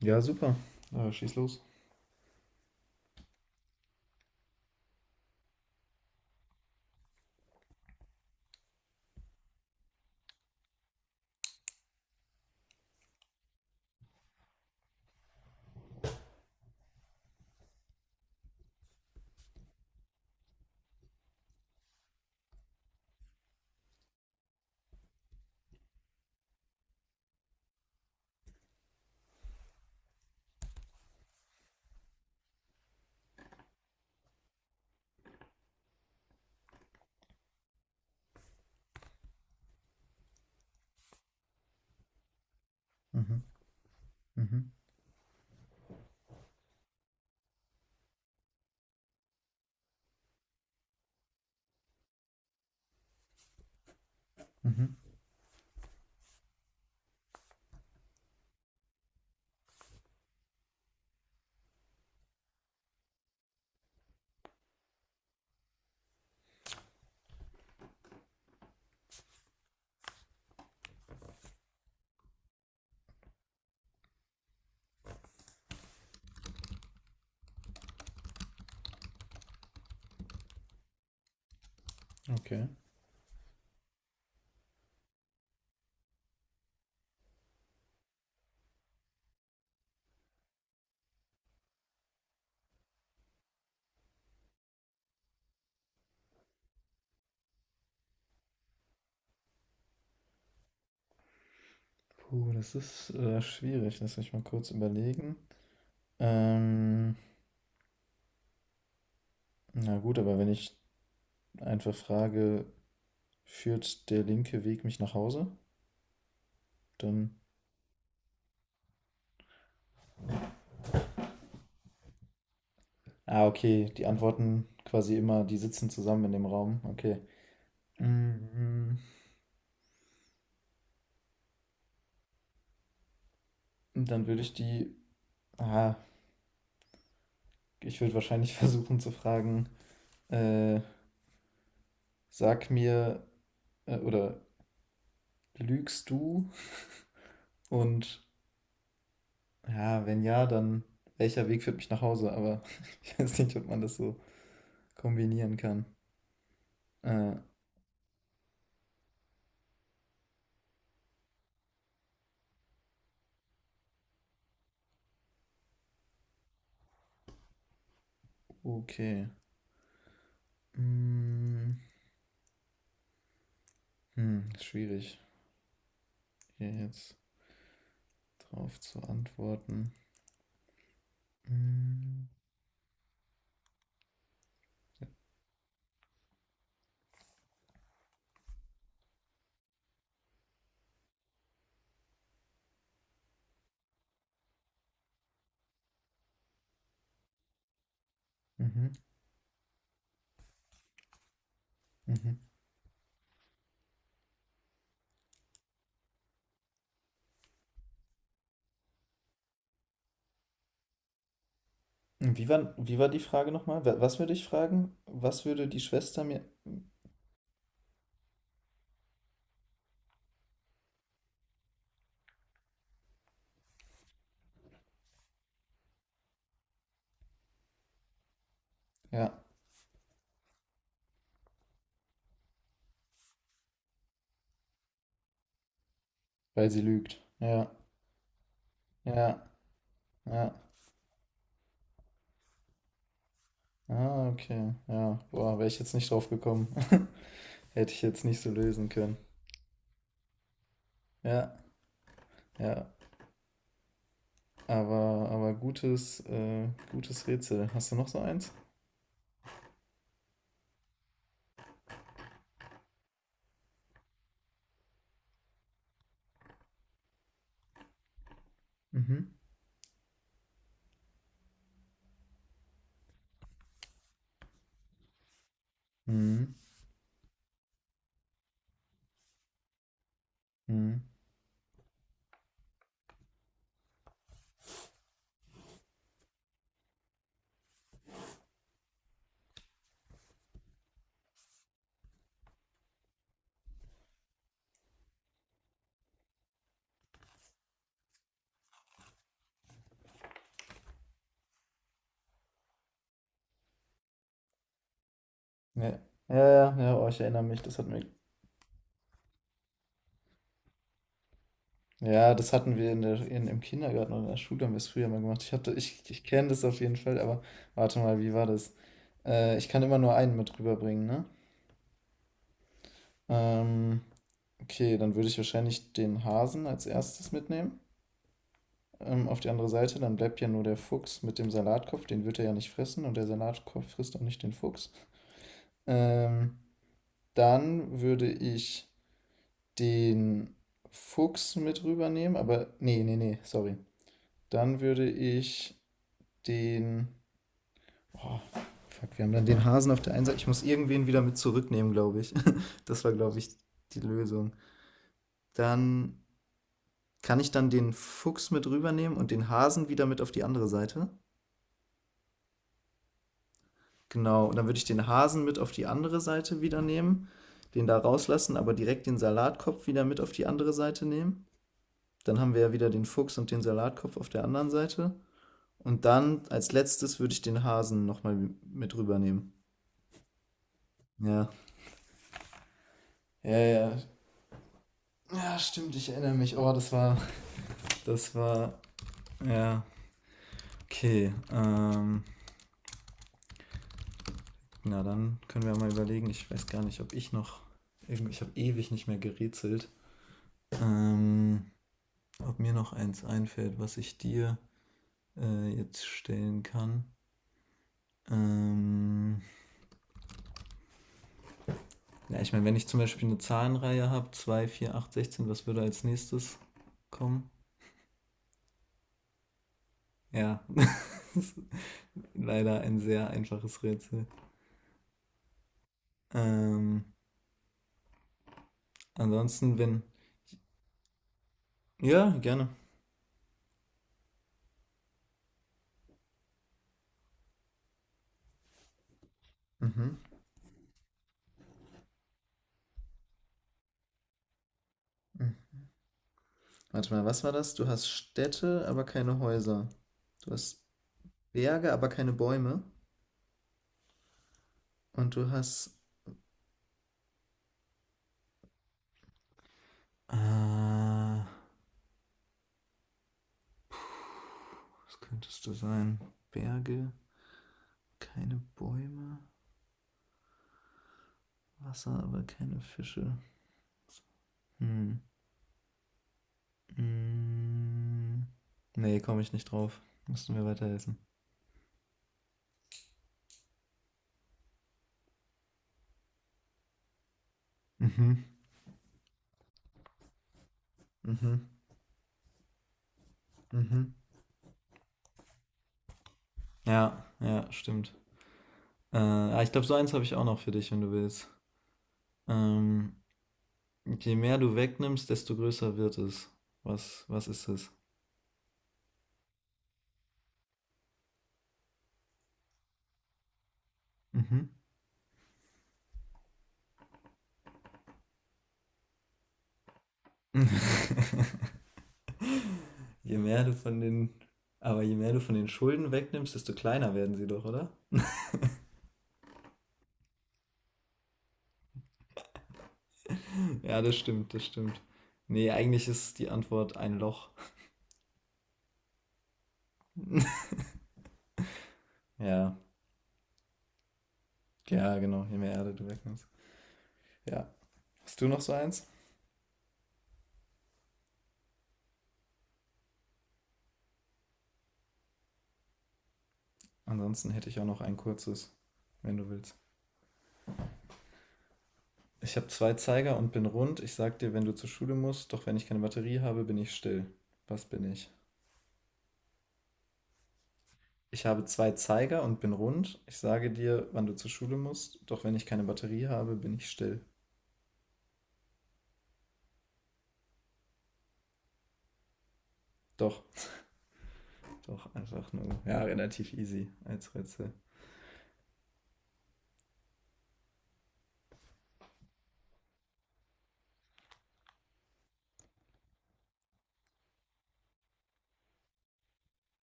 Ja, super. Aber schieß los. Mhm, mhm, mhm. Okay. Puh, das ist schwierig. Lass mich mal kurz überlegen. Ähm, na gut, aber wenn ich einfach frage, führt der linke Weg mich nach Hause? Dann. Ah, okay. Die antworten quasi immer, die sitzen zusammen in dem Raum. Okay. Mhm. Dann würde ich die. Ah, ich würde wahrscheinlich versuchen zu fragen, äh, sag mir oder lügst du und ja, wenn ja, dann welcher Weg führt mich nach Hause? Aber ich weiß nicht, ob man das so kombinieren kann. Äh, okay. Mm, ist schwierig, hier jetzt drauf zu antworten. Mm, Mhm, mhm. Und wie war die Frage nochmal? Was würde ich fragen? Was würde die Schwester mir... Ja, weil sie lügt. Ja, ja, ja. Ah, okay. Ja, boah, wäre ich jetzt nicht drauf gekommen. Hätte ich jetzt nicht so lösen können. Ja, ja. Aber gutes, gutes Rätsel. Hast du noch so eins? Mhm. Mhm. Mhm. Ja. Ja, ja, ja, oh, ich erinnere mich, das hatten wir. Ja, das hatten wir in im Kindergarten oder in der Schule, haben wir es früher mal gemacht. Ich kenne das auf jeden Fall, aber warte mal, wie war das? Ich kann immer nur einen mit rüberbringen, ne? Ähm, okay, dann würde ich wahrscheinlich den Hasen als erstes mitnehmen. Auf die andere Seite, dann bleibt ja nur der Fuchs mit dem Salatkopf, den wird er ja nicht fressen und der Salatkopf frisst auch nicht den Fuchs. Ähm, Dann würde ich den Fuchs mit rübernehmen, aber nee, nee, nee, sorry. Dann würde ich den. Oh, fuck, wir haben dann den Hasen auf der einen Seite. Ich muss irgendwen wieder mit zurücknehmen, glaube ich. Das war, glaube ich, die Lösung. Dann kann ich dann den Fuchs mit rübernehmen und den Hasen wieder mit auf die andere Seite. Genau, und dann würde ich den Hasen mit auf die andere Seite wieder nehmen, den da rauslassen, aber direkt den Salatkopf wieder mit auf die andere Seite nehmen. Dann haben wir ja wieder den Fuchs und den Salatkopf auf der anderen Seite. Und dann als letztes würde ich den Hasen nochmal mit rübernehmen. Ja. Ja, ja. Ja, stimmt, ich erinnere mich. Oh, das war. Das war. Ja. Okay. Na, dann können wir mal überlegen. Ich habe ewig nicht mehr gerätselt. Ähm, Ob mir noch eins einfällt, was ich dir jetzt stellen kann. Ähm, Ja, ich meine, wenn ich zum Beispiel eine Zahlenreihe habe, zwei vier acht 16, was würde als nächstes kommen? Ja, das ist leider ein sehr einfaches Rätsel. Ähm, Ansonsten, wenn. Ja, gerne. Mhm. Mhm. Warte mal, was war das? Du hast Städte, aber keine Häuser. Du hast Berge, aber keine Bäume. Und du hast. Ah, was könntest du sein? Berge, keine Bäume, Wasser, aber keine Fische. Hm. Mm, Nee, komme ich nicht drauf. Musst du mir weiterhelfen. Mhm, mhm, mhm. Ja, ja, stimmt. Ah, ich glaube, so eins habe ich auch noch für dich, wenn du willst. Ähm, Je mehr du wegnimmst, desto größer wird es. Was ist es? Mhm. Je mehr du von den, aber je mehr du von den Schulden wegnimmst, desto kleiner werden sie doch, oder? Ja, das stimmt, das stimmt. Nee, eigentlich ist die Antwort ein Loch. Ja, ja, genau, je mehr Erde du wegnimmst. Ja. Hast du noch so eins? Ansonsten hätte ich auch noch ein kurzes, wenn du willst. Ich habe zwei Zeiger und bin rund. Ich sag dir, wenn du zur Schule musst, doch wenn ich keine Batterie habe, bin ich still. Was bin ich? Ich habe zwei Zeiger und bin rund. Ich sage dir, wann du zur Schule musst, doch wenn ich keine Batterie habe, bin ich still. Doch, doch, einfach nur, ja, relativ easy als Rätsel.